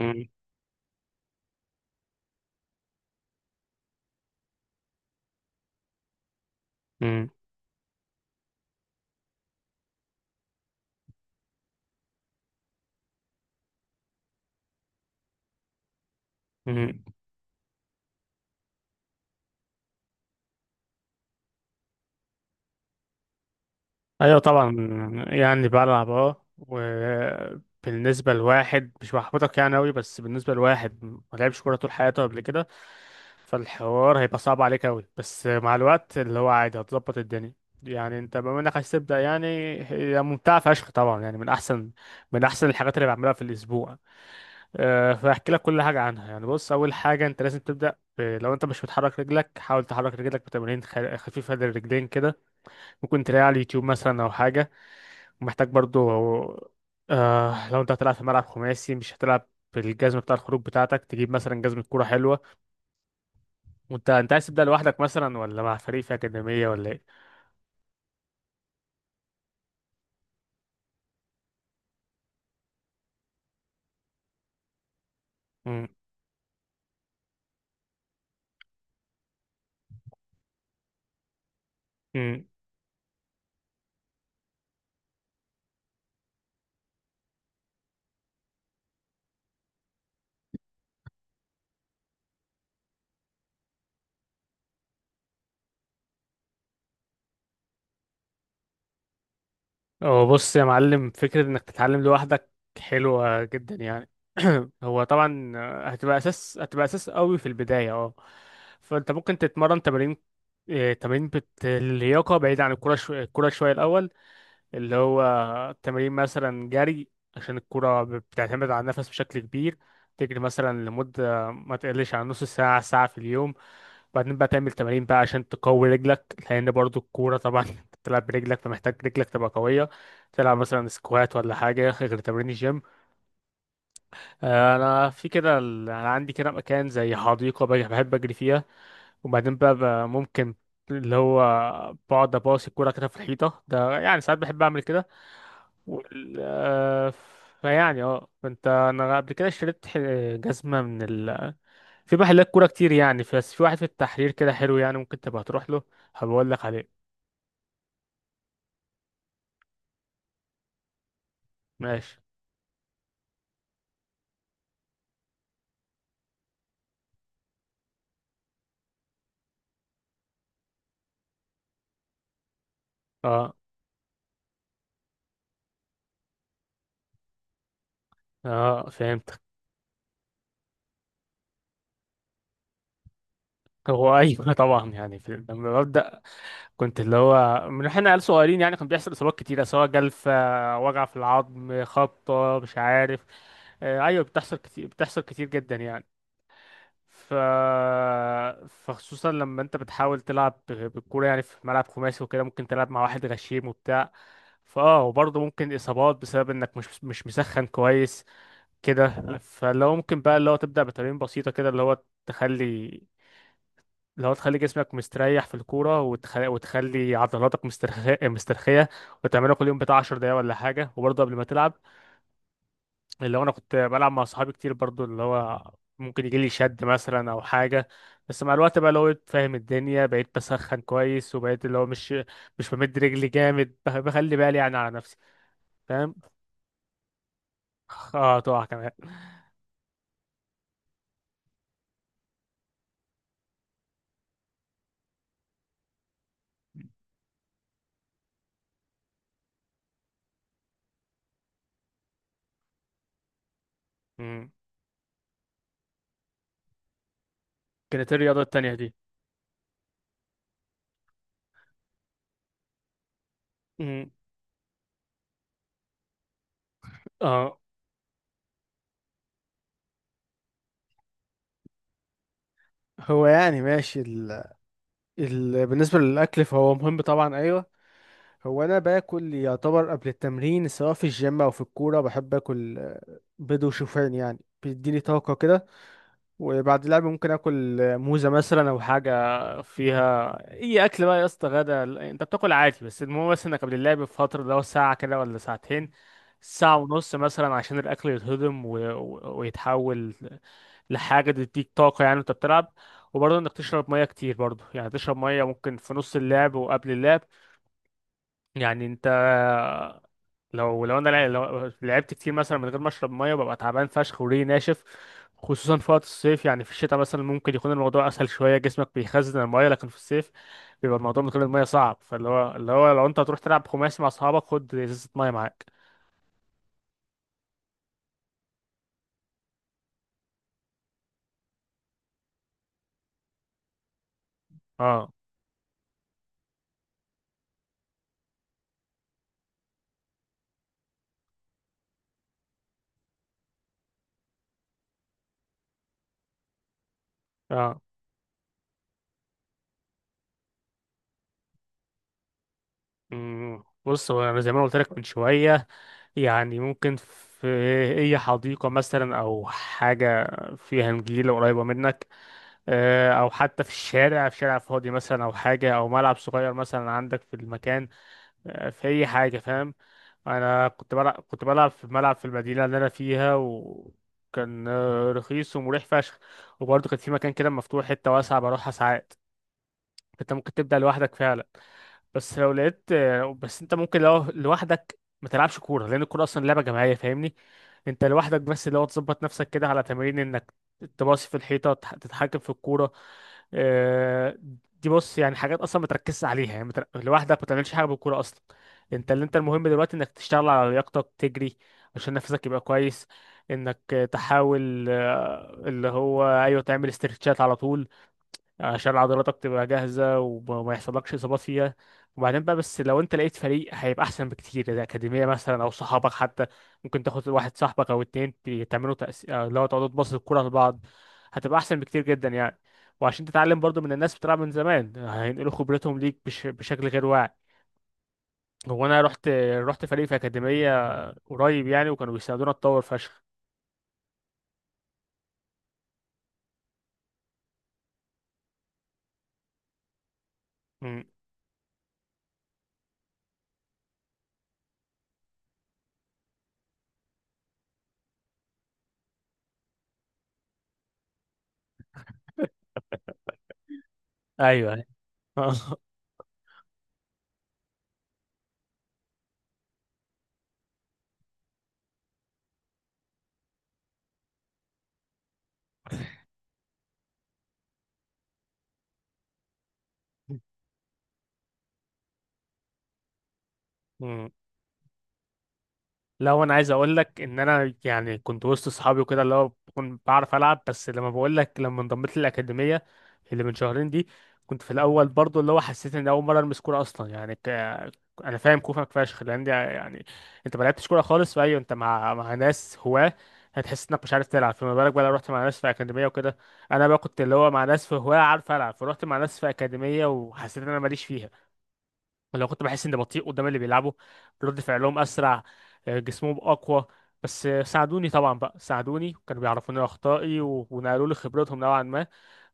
مم. مم. مم. ايوه طبعا يعني بلعب وبالنسبه لواحد مش بحبطك يعني قوي بس بالنسبه لواحد ما لعبش كوره طول حياته قبل كده، فالحوار هيبقى صعب عليك قوي بس مع الوقت اللي هو عادي هتظبط الدنيا. يعني انت بما انك عايز تبدا يعني هي ممتعه فشخ طبعا، يعني من احسن الحاجات اللي بعملها في الاسبوع. فاحكي لك كل حاجه عنها. يعني بص، اول حاجه انت لازم تبدا لو انت مش بتحرك رجلك حاول تحرك رجلك بتمارين خفيفه للرجلين كده. ممكن تلاقيه على اليوتيوب مثلا او حاجه. ومحتاج برضو لو انت هتلعب في ملعب خماسي مش هتلعب بالجزمه بتاع الخروج بتاعتك، تجيب مثلا جزمه كوره حلوه. وانت عايز تبدا لوحدك مثلا ولا مع فريق في اكاديميه ولا ايه؟ امم امم هو بص يا معلم، فكره انك تتعلم لوحدك حلوه جدا يعني. هو طبعا هتبقى اساس قوي في البدايه. اه فانت ممكن تتمرن تمارين اللياقه بعيد عن الكوره، الكوره شويه الاول. اللي هو تمرين مثلا جري، عشان الكرة بتعتمد على النفس بشكل كبير. تجري مثلا لمدة ما تقلش عن نص ساعة ساعة في اليوم. بعدين بقى تعمل تمارين بقى عشان تقوي رجلك، لأن برضو الكورة طبعا أنت بتلعب برجلك، فمحتاج رجلك تبقى قوية. تلعب مثلا سكوات ولا حاجة غير تمرين الجيم. أنا في كده أنا عندي كده مكان زي حديقة بحب أجري فيها. وبعدين بقى ممكن اللي هو بقعد اباصي الكوره كده في الحيطه ده، يعني ساعات بحب اعمل كده. وال... آه، فيعني فانت انا قبل كده اشتريت جزمه من في محلات كوره كتير يعني، بس في واحد في التحرير كده حلو يعني، ممكن تبقى تروح له. هبقول لك عليه. ماشي. اه اه، فهمتك. هو ايوه طبعا يعني لما ببدا كنت اللي هو من احنا عيال صغيرين يعني، كان بيحصل اصابات كتيره، سواء جلفه، وجع في العظم، خبطه، مش عارف. ايوه بتحصل كتير، بتحصل كتير جدا يعني. ف فخصوصا لما انت بتحاول تلعب بالكوره يعني في ملعب خماسي وكده، ممكن تلعب مع واحد غشيم وبتاع. فاه، وبرضه ممكن اصابات بسبب انك مش مسخن كويس كده. فلو ممكن بقى اللي هو تبدا بتمارين بسيطه كده، اللي هو تخلي، لو تخلي جسمك مستريح في الكورة، وتخلي عضلاتك مسترخية مسترخية، وتعملها كل يوم بتاع 10 دقايق ولا حاجة. وبرضه قبل ما تلعب، اللي هو أنا كنت بلعب مع صحابي كتير برضه، اللي هو ممكن يجيلي شد مثلا أو حاجة. بس مع الوقت بقى اللي هو فاهم الدنيا، بقيت بسخن كويس، وبقيت اللي هو مش بمد رجلي جامد، بخلي بالي يعني على نفسي، فاهم. اه، تقع كمان. مم. كانت إيه الرياضة التانية دي؟ مم. اه. هو يعني ماشي بالنسبة للأكل فهو مهم طبعا، أيوه. هو انا باكل يعتبر قبل التمرين، سواء في الجيم او في الكوره، بحب اكل بيض وشوفان، يعني بيديني طاقه كده. وبعد اللعب ممكن اكل موزه مثلا او حاجه فيها اي اكل بقى يا اسطى. غدا انت بتاكل عادي، بس المهم بس انك قبل اللعب بفتره، لو ساعه كده ولا ساعتين، ساعه ونص مثلا، عشان الاكل يتهضم ويتحول لحاجه تديك طاقه يعني وانت بتلعب. وبرضه انك تشرب ميه كتير برضه، يعني تشرب ميه ممكن في نص اللعب وقبل اللعب يعني. انت لو لعبت كتير مثلا من غير ما اشرب ميه، ببقى تعبان فشخ وريقي ناشف، خصوصا في وقت الصيف. يعني في الشتاء مثلا ممكن يكون الموضوع اسهل شويه، جسمك بيخزن الميه، لكن في الصيف بيبقى الموضوع من غير الميه صعب. فاللي هو اللي هو لو انت هتروح تلعب خماسي مع اصحابك، خد ازازه ميه معاك. اه اه. بص، هو انا زي ما أنا قلت لك من شويه، يعني ممكن في اي حديقه مثلا او حاجه فيها نجيله قريبه منك، او حتى في الشارع، في شارع فاضي مثلا او حاجه، او ملعب صغير مثلا عندك في المكان، في اي حاجه، فاهم. انا كنت بلعب في ملعب في المدينه اللي انا فيها، وكان رخيص ومريح فشخ. وبرضه كان في مكان كده مفتوح، حته واسعه بروحها ساعات. انت ممكن تبدا لوحدك فعلا. بس لو لقيت بس انت ممكن لو لوحدك ما تلعبش كوره، لان الكوره اصلا لعبه جماعيه فاهمني. انت لوحدك بس لو تظبط نفسك كده على تمارين انك تباصي في الحيطه، تتحكم في الكوره. آه، دي بص يعني حاجات اصلا ما تركزش عليها، يعني ما تر- لوحدك ما تعملش حاجه بالكوره اصلا. انت المهم دلوقتي انك تشتغل على لياقتك، تجري عشان نفسك يبقى كويس. انك تحاول اللي هو ايوه، تعمل استرتشات على طول عشان عضلاتك تبقى جاهزة، وما يحصلكش إصابات فيها. وبعدين بقى، بس لو أنت لقيت فريق هيبقى أحسن بكتير، إذا أكاديمية مثلا أو صحابك حتى. ممكن تاخد واحد صاحبك أو اتنين، تعملوا تأس... آه، لو تقعدوا تباصوا الكورة لبعض، هتبقى أحسن بكتير جدا يعني. وعشان تتعلم برضو من الناس بتلعب من زمان، هينقلوا خبرتهم ليك بشكل غير واعي. هو أنا رحت فريق في أكاديمية قريب يعني، وكانوا بيساعدونا أتطور فشخ. مم. ايوه. مم. لو انا عايز اقول لك، ان انا يعني كنت وسط اصحابي وكده، اللي هو بكون بعرف العب. بس لما بقول لك، لما انضميت للاكاديميه اللي من شهرين دي، كنت في الاول برضو اللي هو حسيت ان اول مره المس كوره اصلا يعني، انا فاهم كوفك فشخ، لان دي يعني انت ما لعبتش كوره خالص. فايوه انت مع ناس هواه هتحس انك مش عارف تلعب، فما بالك بقى لو رحت مع ناس في اكاديميه وكده. انا بقى كنت اللي هو مع ناس في هواه عارف العب، فرحت مع ناس في اكاديميه وحسيت ان انا ماليش فيها. لو كنت بحس اني بطيء قدام اللي بيلعبوا، رد فعلهم اسرع، جسمهم اقوى. بس ساعدوني طبعا بقى، ساعدوني، كانوا بيعرفوني اخطائي ونقلوا لي خبرتهم نوعا ما،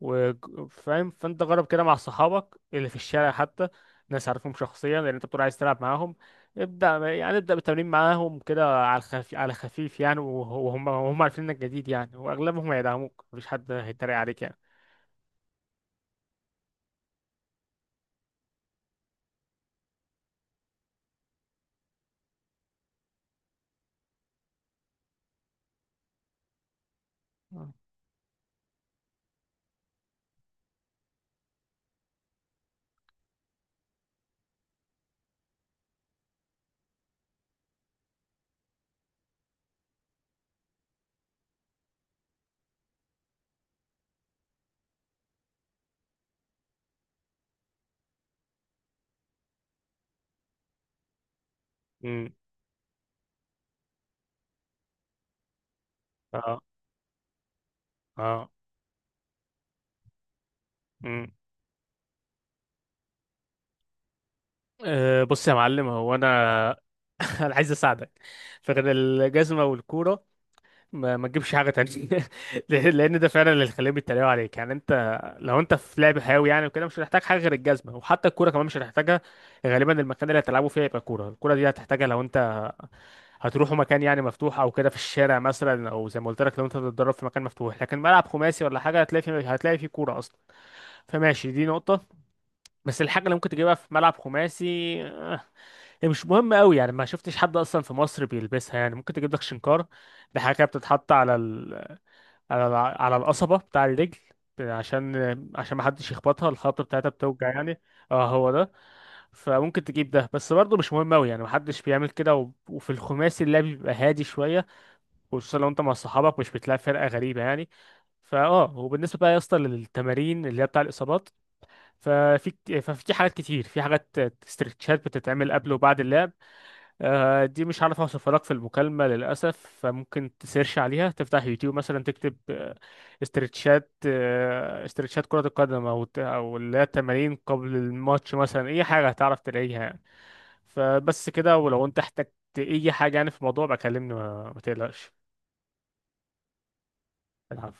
وفاهم. فانت جرب كده مع صحابك اللي في الشارع حتى، ناس عارفهم شخصيا، لان انت بتقول عايز تلعب معاهم. ابدا يعني، ابدا بالتمرين معاهم كده على الخفيف، على خفيف يعني، وهم عارفين انك جديد يعني، واغلبهم هيدعموك، مفيش حد هيتريق عليك يعني. آه. امم اه اه امم. أه بص يا معلم، هو انا انا عايز اساعدك. فغير الجزمه والكوره ما تجيبش حاجه تانية لان ده فعلا اللي خليهم يتريقوا عليك يعني. انت لو انت في لعب حيوي يعني وكده، مش هتحتاج حاجه غير الجزمه، وحتى الكوره كمان مش هتحتاجها غالبا. المكان اللي هتلعبوا فيه هيبقى كوره، الكوره دي هتحتاجها لو انت هتروحوا مكان يعني مفتوح او كده، في الشارع مثلا، او زي ما قلت لك لو انت هتتدرب في مكان مفتوح. لكن ملعب خماسي ولا حاجه، هتلاقي فيه كوره اصلا. فماشي، دي نقطه. بس الحاجه اللي ممكن تجيبها في ملعب خماسي هي مش مهم قوي يعني، ما شفتش حد اصلا في مصر بيلبسها يعني. ممكن تجيب لك شنكار، دي حاجه كده بتتحط على على القصبه بتاع الرجل، عشان عشان ما حدش يخبطها، الخبطه بتاعتها بتوجع يعني. اه هو ده. فممكن تجيب ده، بس برضه مش مهم قوي يعني، ما حدش بيعمل كده. وفي الخماسي اللعب بيبقى هادي شويه، خصوصا لو انت مع صحابك مش بتلاقي فرقه غريبه يعني. فاه، وبالنسبه بقى يا اسطى للتمارين اللي هي بتاع الاصابات، ففي حاجات كتير، في حاجات استرتشات بتتعمل قبل وبعد اللعب. دي مش عارف اوصفها لك في المكالمة للأسف، فممكن تسيرش عليها، تفتح يوتيوب مثلا، تكتب استرتشات، استرتشات كرة القدم، أو أو اللي هي التمارين قبل الماتش مثلا، أي حاجة هتعرف تلاقيها يعني. فبس كده، ولو أنت احتجت أي حاجة يعني في الموضوع، بكلمني ما تقلقش. العفو.